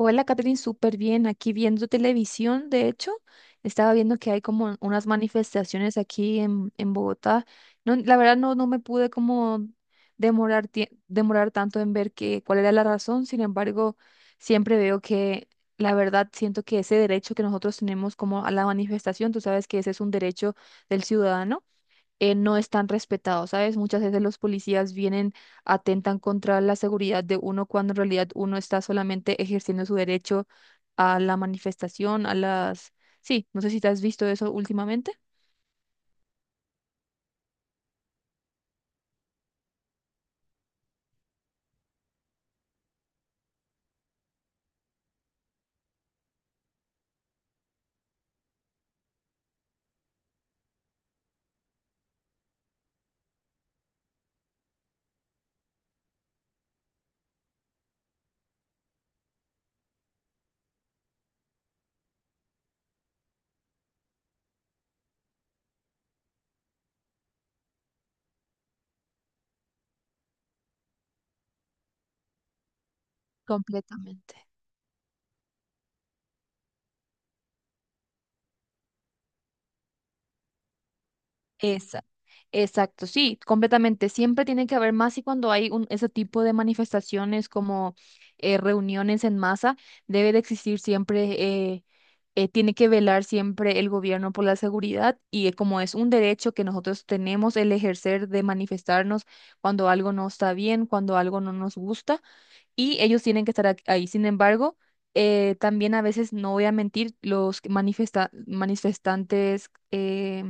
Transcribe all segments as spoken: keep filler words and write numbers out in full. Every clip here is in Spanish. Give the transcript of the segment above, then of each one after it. Hola, Catherine, súper bien. Aquí viendo televisión, de hecho, estaba viendo que hay como unas manifestaciones aquí en, en Bogotá. No, la verdad no, no me pude como demorar, tie- demorar tanto en ver que, cuál era la razón. Sin embargo, siempre veo que la verdad siento que ese derecho que nosotros tenemos como a la manifestación, tú sabes que ese es un derecho del ciudadano, eh, no están respetados, ¿sabes? Muchas veces los policías vienen, atentan contra la seguridad de uno cuando en realidad uno está solamente ejerciendo su derecho a la manifestación, a las... Sí, no sé si te has visto eso últimamente. Completamente. Exacto. Exacto, sí, completamente. Siempre tiene que haber más y cuando hay un, ese tipo de manifestaciones como eh, reuniones en masa, debe de existir siempre, eh, eh, tiene que velar siempre el gobierno por la seguridad y, eh, como es un derecho que nosotros tenemos el ejercer de manifestarnos cuando algo no está bien, cuando algo no nos gusta y ellos tienen que estar ac- ahí. Sin embargo, eh, también a veces, no voy a mentir, los que manifesta- manifestantes, eh,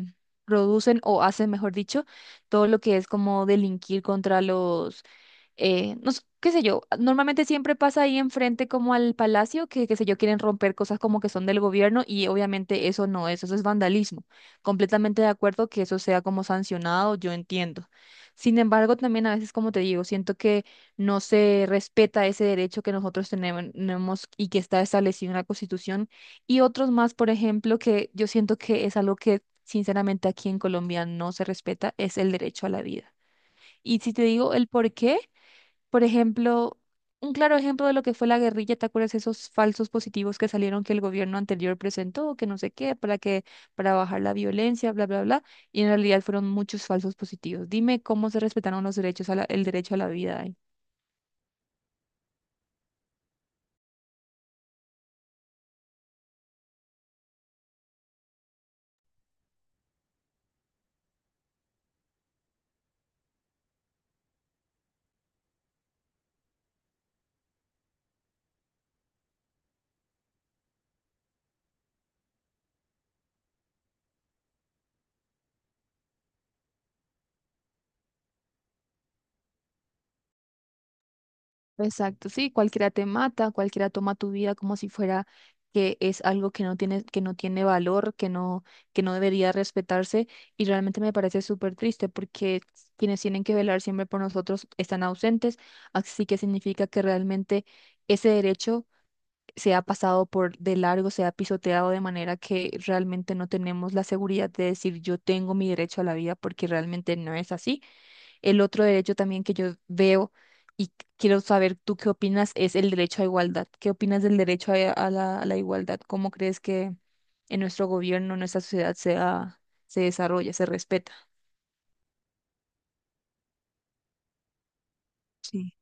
producen o hacen, mejor dicho, todo lo que es como delinquir contra los, eh, no sé, qué sé yo, normalmente siempre pasa ahí enfrente como al palacio, que qué sé yo, quieren romper cosas como que son del gobierno y obviamente eso no es, eso es vandalismo. Completamente de acuerdo que eso sea como sancionado, yo entiendo. Sin embargo, también a veces, como te digo, siento que no se respeta ese derecho que nosotros tenem- tenemos y que está establecido en la Constitución y otros más, por ejemplo, que yo siento que es algo que sinceramente aquí en Colombia no se respeta, es el derecho a la vida. Y si te digo el por qué, por ejemplo, un claro ejemplo de lo que fue la guerrilla, ¿te acuerdas esos falsos positivos que salieron que el gobierno anterior presentó, que no sé qué, para que para bajar la violencia, bla, bla, bla? Y en realidad fueron muchos falsos positivos. Dime cómo se respetaron los derechos a la- el derecho a la vida ahí. Exacto, sí, cualquiera te mata, cualquiera toma tu vida como si fuera que es algo que no tiene, que no tiene valor, que no, que no debería respetarse, y realmente me parece súper triste porque quienes tienen que velar siempre por nosotros están ausentes, así que significa que realmente ese derecho se ha pasado por de largo, se ha pisoteado de manera que realmente no tenemos la seguridad de decir yo tengo mi derecho a la vida porque realmente no es así. El otro derecho también que yo veo y quiero saber tú qué opinas es el derecho a igualdad. ¿Qué opinas del derecho a, a la, a la igualdad? ¿Cómo crees que en nuestro gobierno, en nuestra sociedad se, ha- se desarrolla, se respeta? Sí.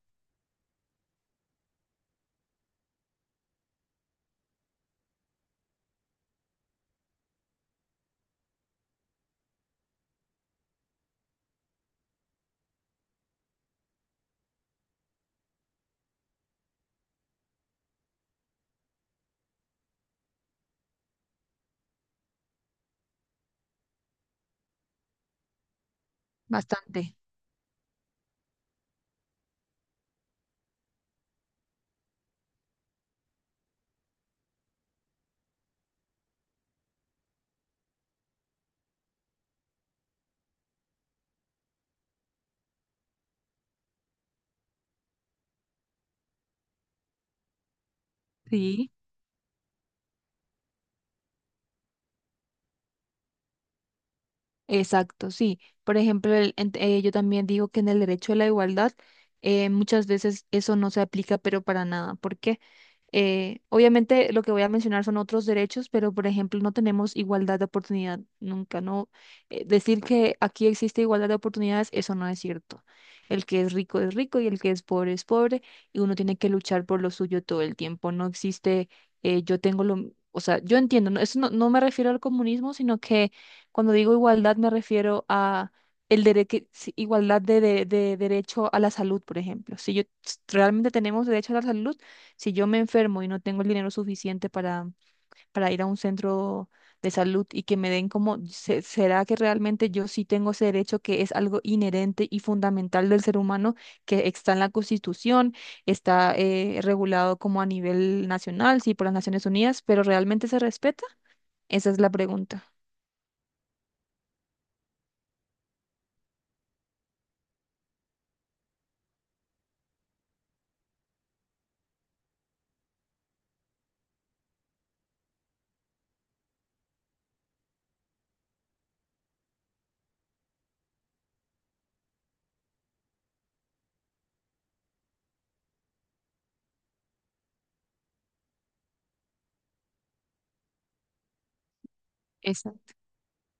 Bastante. Sí. Exacto, sí. Por ejemplo, el- en- eh, yo también digo que en el derecho a la igualdad, eh, muchas veces eso no se aplica, pero para nada. ¿Por qué? Eh, obviamente lo que voy a mencionar son otros derechos, pero por ejemplo no tenemos igualdad de oportunidad nunca, ¿no? Eh, decir que aquí existe igualdad de oportunidades, eso no es cierto. El que es rico es rico y el que es pobre es pobre y uno tiene que luchar por lo suyo todo el tiempo. No existe, eh, yo tengo lo, m- o sea, yo entiendo, ¿no? Eso no, no me refiero al comunismo, sino que cuando digo igualdad me refiero a... El derecho, igualdad de, de de derecho a la salud, por ejemplo. Si yo realmente tenemos derecho a la salud, si yo me enfermo y no tengo el dinero suficiente para, para ir a un centro de salud y que me den como, se- ¿será que realmente yo sí tengo ese derecho que es algo inherente y fundamental del ser humano, que está en la Constitución, está, eh, regulado como a nivel nacional, sí, por las Naciones Unidas, pero realmente se respeta? Esa es la pregunta.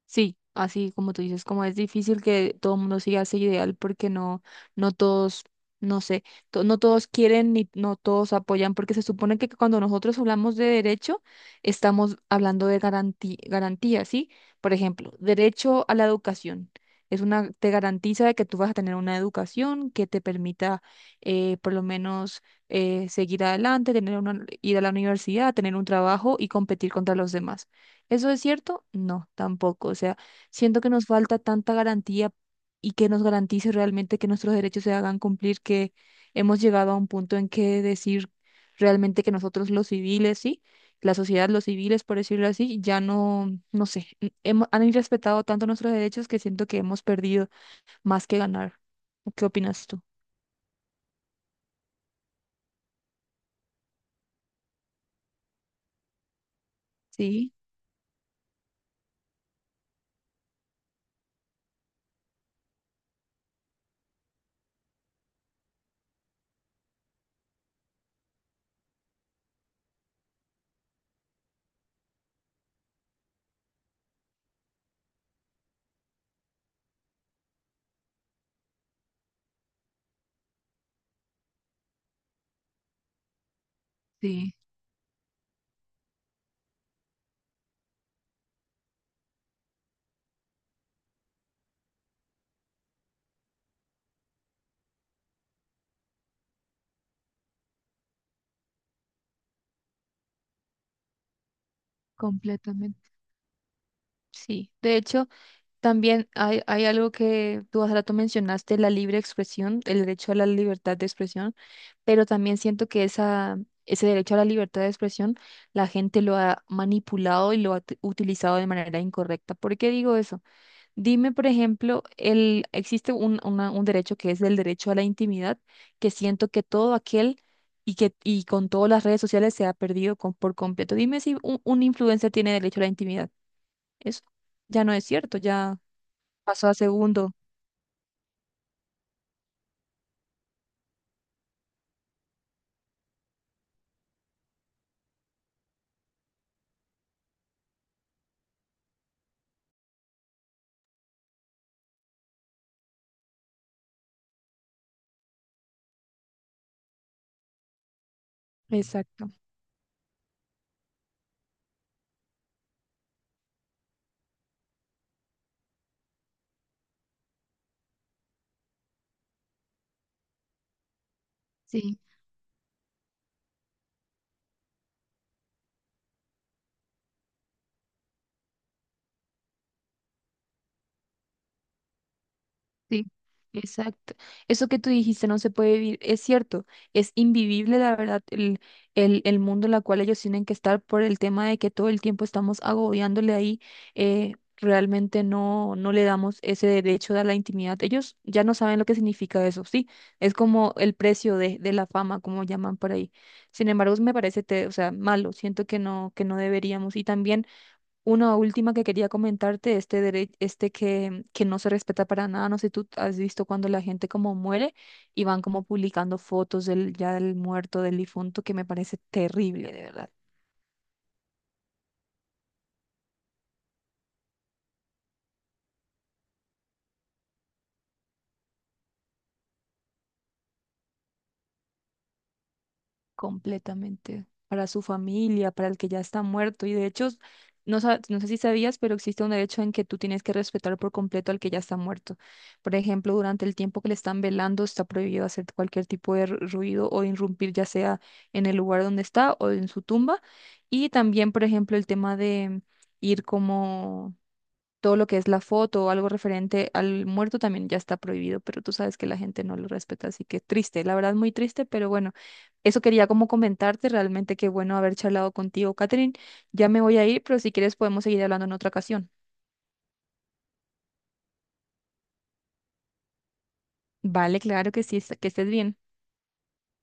Sí, así como tú dices, como es difícil que todo el mundo siga ese ideal porque no, no todos, no sé, to- no todos quieren ni no todos apoyan, porque se supone que cuando nosotros hablamos de derecho, estamos hablando de garantía, garantía, ¿sí? Por ejemplo, derecho a la educación. Es una, te garantiza de que tú vas a tener una educación que te permita, eh, por lo menos, eh, seguir adelante, tener una, ir a la universidad, tener un trabajo y competir contra los demás. ¿Eso es cierto? No, tampoco. O sea, siento que nos falta tanta garantía y que nos garantice realmente que nuestros derechos se hagan cumplir, que hemos llegado a un punto en que decir realmente que nosotros los civiles, sí, la sociedad, los civiles, por decirlo así, ya no, no sé, hemos, han irrespetado tanto nuestros derechos que siento que hemos perdido más que ganar. ¿Qué opinas tú? Sí, sí, completamente. Sí, de hecho, también hay, hay algo que tú hace rato mencionaste, la libre expresión, el derecho a la libertad de expresión, pero también siento que esa, ese derecho a la libertad de expresión la gente lo ha manipulado y lo ha t- utilizado de manera incorrecta. ¿Por qué digo eso? Dime, por ejemplo, el, existe un, una- un derecho que es el derecho a la intimidad, que siento que todo aquel y que y con todas las redes sociales se ha perdido con- por completo. Dime si un, un influencer tiene derecho a la intimidad. Eso ya no es cierto, ya pasó a segundo. Exacto. Sí, sí, exacto. Eso que tú dijiste no se puede vivir, es cierto, es invivible la verdad el, el, el mundo en el cual ellos tienen que estar por el tema de que todo el tiempo estamos agobiándole ahí, eh, realmente no, no le damos ese derecho a la intimidad. Ellos ya no saben lo que significa eso, sí, es como el precio de, de la fama, como llaman por ahí. Sin embargo, me parece, te- o sea, malo, siento que no, que no deberíamos. Y también una última que quería comentarte, este derecho, este que, que no se respeta para nada, no sé si tú has visto cuando la gente como muere y van como publicando fotos del ya del muerto, del difunto, que me parece terrible, de verdad. Completamente, para su familia, para el que ya está muerto. Y de hecho, no, sa- no sé si sabías, pero existe un derecho en que tú tienes que respetar por completo al que ya está muerto. Por ejemplo, durante el tiempo que le están velando, está prohibido hacer cualquier tipo de ru- ruido o irrumpir, ya sea en el lugar donde está o en su tumba. Y también, por ejemplo, el tema de ir como todo lo que es la foto o algo referente al muerto también ya está prohibido, pero tú sabes que la gente no lo respeta, así que triste, la verdad muy triste, pero bueno, eso quería como comentarte, realmente qué bueno haber charlado contigo, Catherine. Ya me voy a ir, pero si quieres podemos seguir hablando en otra ocasión. Vale, claro que sí, que estés bien.